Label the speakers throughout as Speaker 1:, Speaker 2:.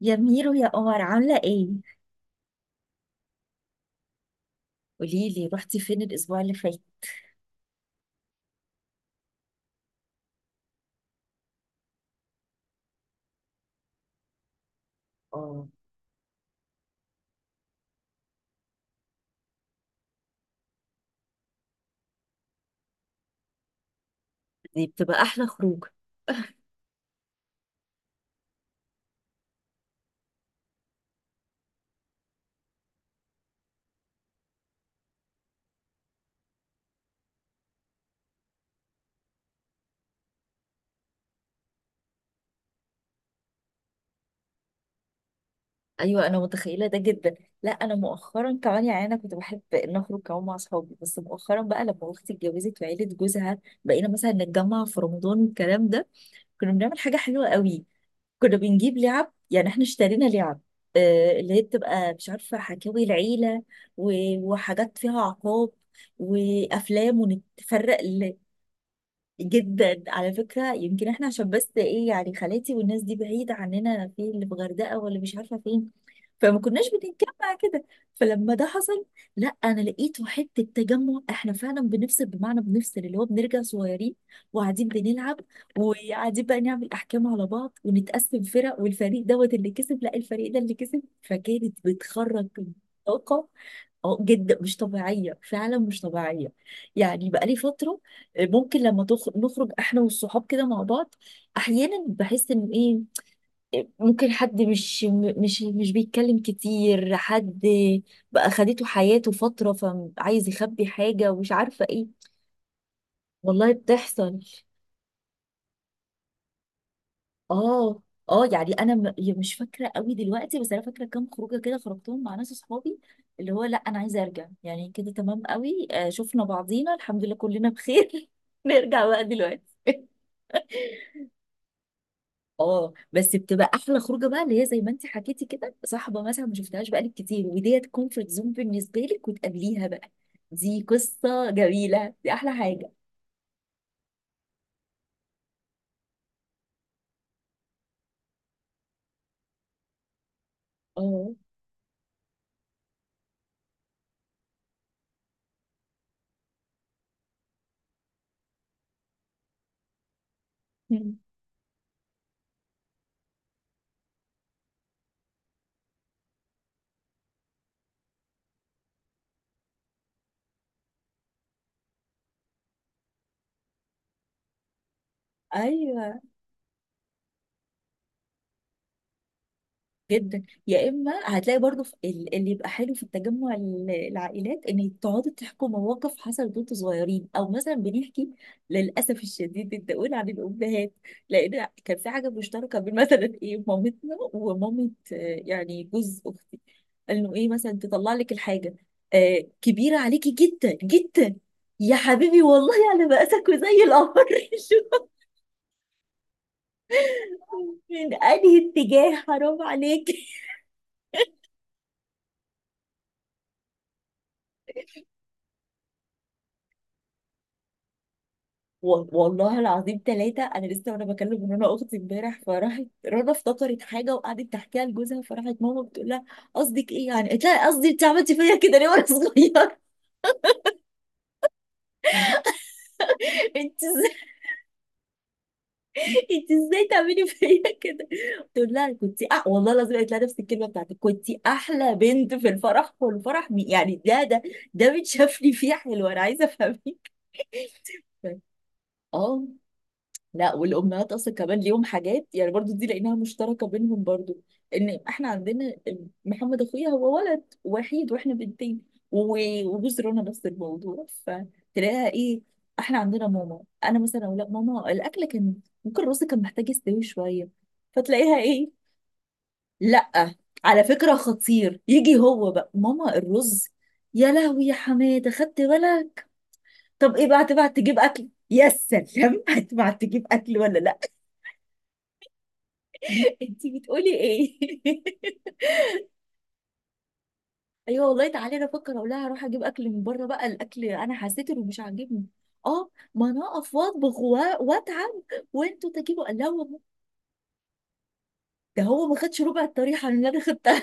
Speaker 1: يا ميرو يا قمر، عاملة ايه؟ قولي لي رحتي فين الاسبوع اللي فات. اه، دي بتبقى احلى خروج. ايوه، انا متخيله ده جدا. لا انا مؤخرا كمان، يعني انا كنت بحب ان اخرج كمان مع اصحابي، بس مؤخرا بقى لما اختي اتجوزت وعيله جوزها، بقينا مثلا نتجمع في رمضان والكلام ده. كنا بنعمل حاجه حلوه قوي، كنا بنجيب لعب. يعني احنا اشترينا لعب، آه، اللي هي بتبقى مش عارفه حكاوي العيله وحاجات فيها عقاب، وافلام، ونتفرق. جدا على فكرة. يمكن احنا عشان بس ايه، يعني خالاتي والناس دي بعيدة عننا، في اللي في غردقة ولا مش عارفة فين. فما كناش بنتجمع كده. فلما ده حصل، لا انا لقيته حتة تجمع. احنا فعلا بنفصل، بمعنى بنفصل، اللي هو بنرجع صغيرين وقاعدين بنلعب، وقاعدين بقى نعمل احكام على بعض ونتقسم فرق، والفريق دوت اللي كسب، لا الفريق ده اللي كسب، فكانت بتخرج طاقة. اه جدا، مش طبيعية، فعلا مش طبيعية. يعني بقالي فترة، ممكن لما نخرج احنا والصحاب كده مع بعض، احيانا بحس ان ايه، ممكن حد مش م- مش مش بيتكلم كتير، حد بقى خدته حياته فترة، فعايز يخبي حاجة ومش عارفة ايه. والله بتحصل. اه اه. يعني انا يا مش فاكره قوي دلوقتي، بس انا فاكره كام خروجه كده خرجتهم مع ناس اصحابي، اللي هو لا انا عايزه ارجع، يعني كده تمام قوي. شفنا بعضينا الحمد لله كلنا بخير، نرجع بقى دلوقتي. اه، بس بتبقى احلى خروجه بقى، اللي هي زي ما انت حكيتي كده، صاحبه مثلا ما شفتهاش بقالك كتير، وديت كومفورت زون بالنسبه لك، وتقابليها بقى. دي قصه جميله، دي احلى حاجه. اه. ايوه جدا. يا اما هتلاقي برضو في اللي يبقى حلو في التجمع، العائلات ان تقعدوا تحكوا مواقف حصلت وانتوا صغيرين، او مثلا بنحكي، للاسف الشديد بدي اقول، عن الامهات. لان كان في حاجه مشتركه بين مثلا ايه، مامتنا ومامه، يعني جوز اختي، انه ايه، مثلا تطلع لك الحاجه، آه، كبيره عليكي جدا جدا. يا حبيبي، والله على مقاسك وزي القمر. شوف من انهي اتجاه، حرام عليك. والله العظيم ثلاثة، أنا لسه وأنا بكلم رنا أختي امبارح، فراحت رنا افتكرت حاجة وقعدت تحكيها لجوزها، فراحت ماما بتقول لها، قصدك إيه يعني؟ قلت لها قصدي، أنت عملتي فيا كده ليه وأنا صغير؟ أنت إزاي، أنت إزاي تعملي فيا كده؟ بتقول لها كنت والله العظيم قالت لها نفس الكلمة بتاعتك، كنت أحلى بنت في الفرح، والفرح يعني ده ده، ده متشاف لي فيه حلو، أنا عايزة أفهمك. آه. لا، والامهات اصلا كمان ليهم حاجات يعني، برضو دي لقيناها مشتركه بينهم برضو، ان احنا عندنا محمد اخويا، هو ولد وحيد واحنا بنتين، وجوز رنا نفس الموضوع، فتلاقيها ايه، احنا عندنا ماما، انا مثلا اقول لها ماما الاكل كان، ممكن الرز كان محتاج يستوي شويه، فتلاقيها ايه، لا على فكره خطير، يجي هو بقى، ماما الرز، يا لهوي يا حماده خدت بالك؟ طب ايه بقى، هتبعت تجيب اكل، يا سلام. هتبعت تجيب اكل ولا لا؟ انتي بتقولي ايه؟ ايوه والله. تعالي انا افكر اقول لها اروح اجيب اكل من بره بقى، الاكل انا حسيت انه مش عاجبني، اه، ما انا اقف واطبخ واتعب، وانتوا تجيبوا، قال لها هو-، ده هو ما خدش ربع الطريحه اللي انا خدتها.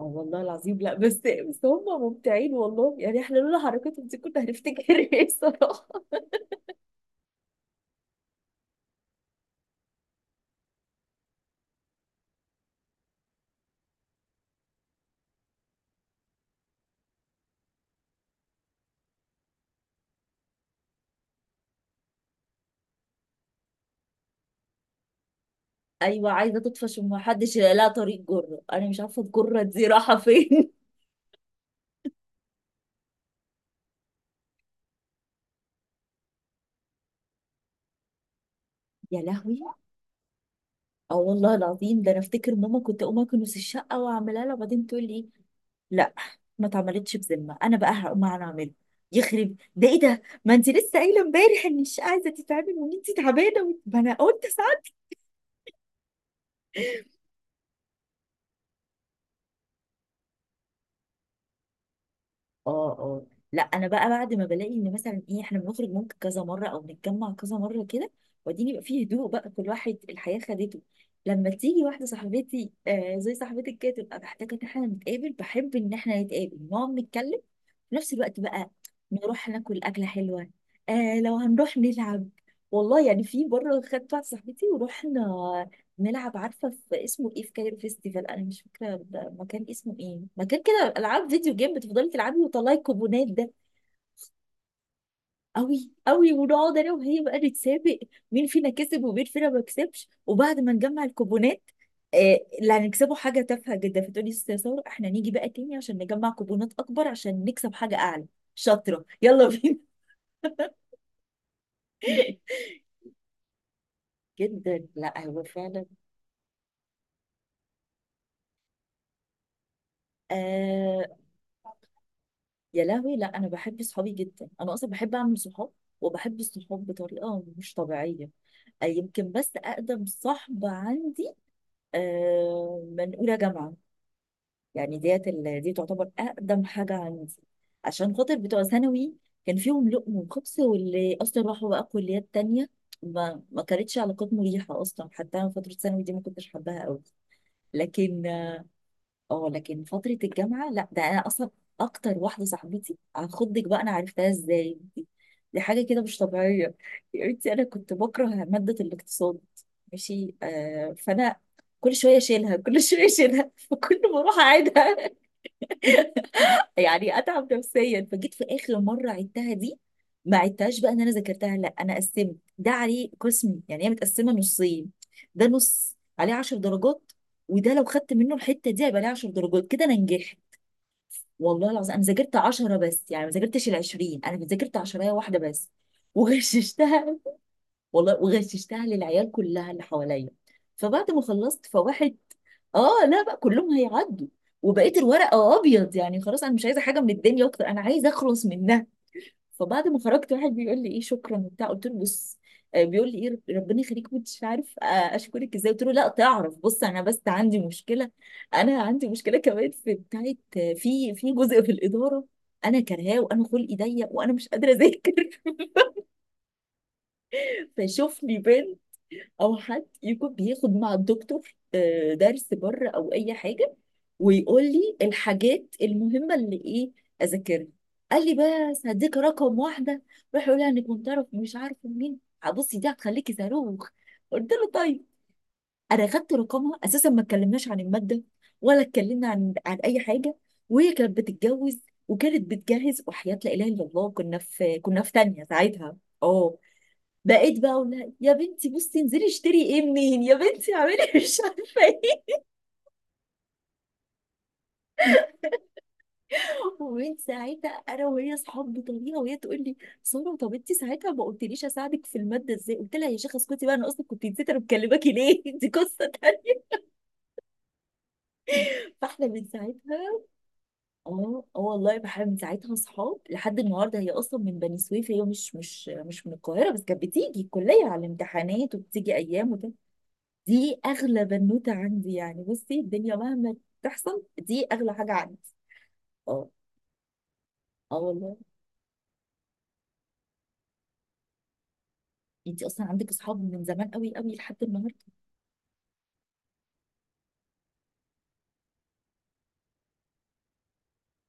Speaker 1: اه والله العظيم، لا بس، بس هم ممتعين والله، يعني احنا لولا حركاتهم دي كنا هنفتكر ايه الصراحه. ايوه، عايزه تطفش، وما حدش، لا طريق جره، انا مش عارفه الجره دي رايحه فين. يا لهوي. اه والله العظيم، ده انا افتكر ماما كنت اقوم اكنس الشقه واعملها لها، وبعدين تقول لي إيه؟ لا، ما اتعملتش بذمه، انا بقى هقوم انا اعمله، يخرب ده ايه ده، ما انت لسه قايله امبارح ان الشقه عايزه تتعمل وان انت تعبانه، ما انا قلت. اه اه. لا انا بقى بعد ما بلاقي ان مثلا ايه، احنا بنخرج ممكن كذا مره، او بنتجمع كذا مره كده، وبعدين يبقى فيه هدوء بقى، كل واحد الحياه خدته، لما تيجي واحده صاحبتي، آه زي صاحبتك كده، تبقى محتاجه ان احنا نتقابل، بحب ان احنا نتقابل نقعد نتكلم، في نفس الوقت بقى نروح ناكل اكله حلوه، آه لو هنروح نلعب. والله يعني في مره خدت واحده صاحبتي ورحنا نلعب، عارفه في اسمه ايه، في كايرو فيستيفال، انا مش فاكره المكان اسمه ايه، مكان العاب فيديو جيم بتفضلي تلعبي وطلعي الكوبونات ده، قوي قوي، ونقعد انا وهي بقى نتسابق، مين فينا كسب ومين فينا ما كسبش، وبعد ما نجمع الكوبونات، آه، اللي هنكسبه حاجه تافهه جدا، فتقولي يا ست ساره، احنا نيجي بقى تاني عشان نجمع كوبونات اكبر عشان نكسب حاجه اعلى، شاطره، يلا بينا. جدا. لا هو فعلا. آه. يا لهوي، لا انا بحب صحابي جدا، انا اصلا بحب اعمل صحاب، وبحب الصحاب بطريقه مش طبيعيه. يمكن بس اقدم صاحبه عندي، من اولى جامعه، يعني ديت دي تعتبر اقدم حاجه عندي. عشان خاطر بتوع ثانوي، كان فيهم لقم وخبز، واللي اصلا راحوا بقى كليات تانية، ما كانتش علاقات مريحه اصلا، حتى انا فتره ثانوي دي ما كنتش حباها قوي. لكن، اه، لكن فترة الجامعة، لا ده انا اصلا اكتر واحدة صاحبتي عن خدك بقى، انا عرفتها ازاي دي، دي حاجة كده مش طبيعية. يا بنتي انا كنت بكره مادة الاقتصاد، ماشي، آه، فانا كل شوية اشيلها، كل شوية اشيلها، فكل ما اروح اعيدها، يعني اتعب نفسيا. فجيت في اخر مرة عدتها دي، ما عدتهاش بقى ان انا ذاكرتها، لا انا قسمت ده عليه قسم، يعني هي متقسمة نصين، ده نص عليه 10 درجات، وده لو خدت منه الحتة دي هيبقى عليه 10 درجات، كده انا نجحت. والله العظيم انا ذاكرت 10 بس، يعني ما ذاكرتش ال 20، انا ذاكرت 10 هي واحده بس، وغششتها، والله وغششتها للعيال كلها اللي حواليا. فبعد ما خلصت فواحد، اه لا بقى كلهم هيعدوا، وبقيت الورقه ابيض، يعني خلاص انا مش عايزه حاجه من الدنيا اكتر، انا عايزه اخلص منها. فبعد ما خرجت، واحد بيقول لي ايه، شكرا وبتاع، قلت له بص، بيقول لي ايه، ربنا يخليك مش عارف اشكرك ازاي، قلت له لا تعرف بص، انا بس عندي مشكله، انا عندي مشكله كمان في بتاعت، في جزء في الاداره، انا كرهاه وانا خلقي ضيق وانا مش قادره اذاكر، فشوف لي، او حد يكون بياخد مع الدكتور درس بره او اي حاجه، ويقول لي الحاجات المهمه اللي ايه اذاكرها. قال لي بس هديك رقم واحده، روح يقول لها انك كنت تعرف مش عارفه مين، بصي دي هتخليكي صاروخ، قلت له طيب. انا خدت رقمها اساسا، ما اتكلمناش عن الماده، ولا اتكلمنا عن اي حاجه، وهي كانت بتتجوز، وكانت بتجهز، وحياه لا اله الا الله كنا في، كنا في تانية ساعتها. اه. بقيت بقى اقول لها يا بنتي بصي انزلي اشتري ايه منين، يا بنتي اعملي، مش عارفه ايه. ومن ساعتها انا وهي اصحاب بطريقه، وهي تقول لي، ساره طب انت ساعتها ما قلتليش اساعدك في الماده ازاي، قلت لها يا شيخه اسكتي بقى، انا اصلا كنت نسيت انا مكلماكي ليه، دي قصه تانيه. فاحنا من ساعتها، اه اه والله بحب، من ساعتها اصحاب لحد النهارده، هي اصلا من بني سويف، هي مش من القاهره، بس كانت بتيجي الكليه على الامتحانات وبتيجي ايام، دي اغلى بنوته عندي يعني، بصي الدنيا مهما تحصل دي اغلى حاجه عندي. اه اه والله. انت اصلا عندك اصحاب من زمان قوي قوي لحد النهارده.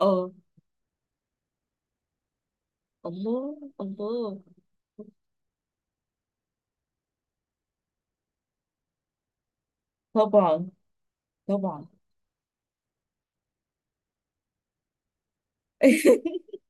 Speaker 1: اه. الله الله. طبعا طبعا.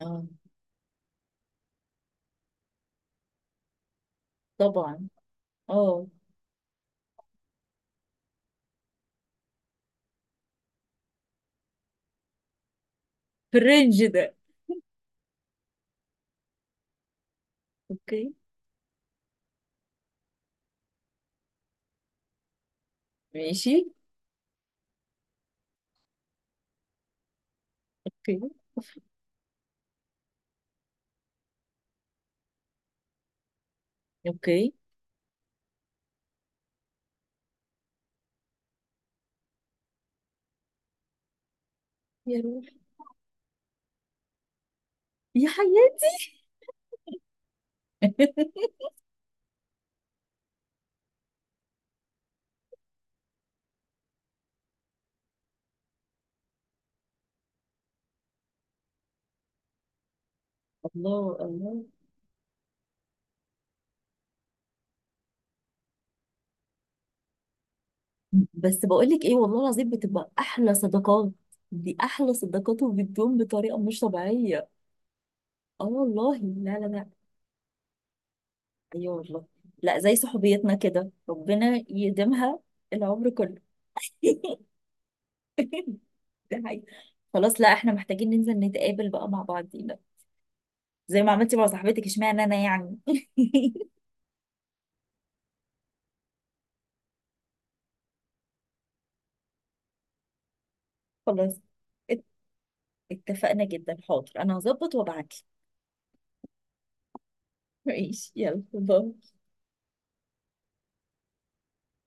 Speaker 1: اه. طبعا. اه. في الرينج ده. اوكي. ماشي. اوكي. اوكي. يا روح. يا حياتي. الله الله. بس بقول لك ايه، والله العظيم بتبقى احلى صداقات، دي احلى صداقات، وبتدوم بطريقه مش طبيعيه. اه والله. لا لا لا. ايوه والله. لا زي صحوبيتنا كده ربنا يديمها العمر كله. ده حقيقي. خلاص لا احنا محتاجين ننزل نتقابل بقى مع بعضينا، زي ما عملتي مع صاحبتك، اشمعنى انا يعني. خلاص. ات- اتفقنا جدا، حاضر انا هظبط وابعتلك. ماشي، يلا باي.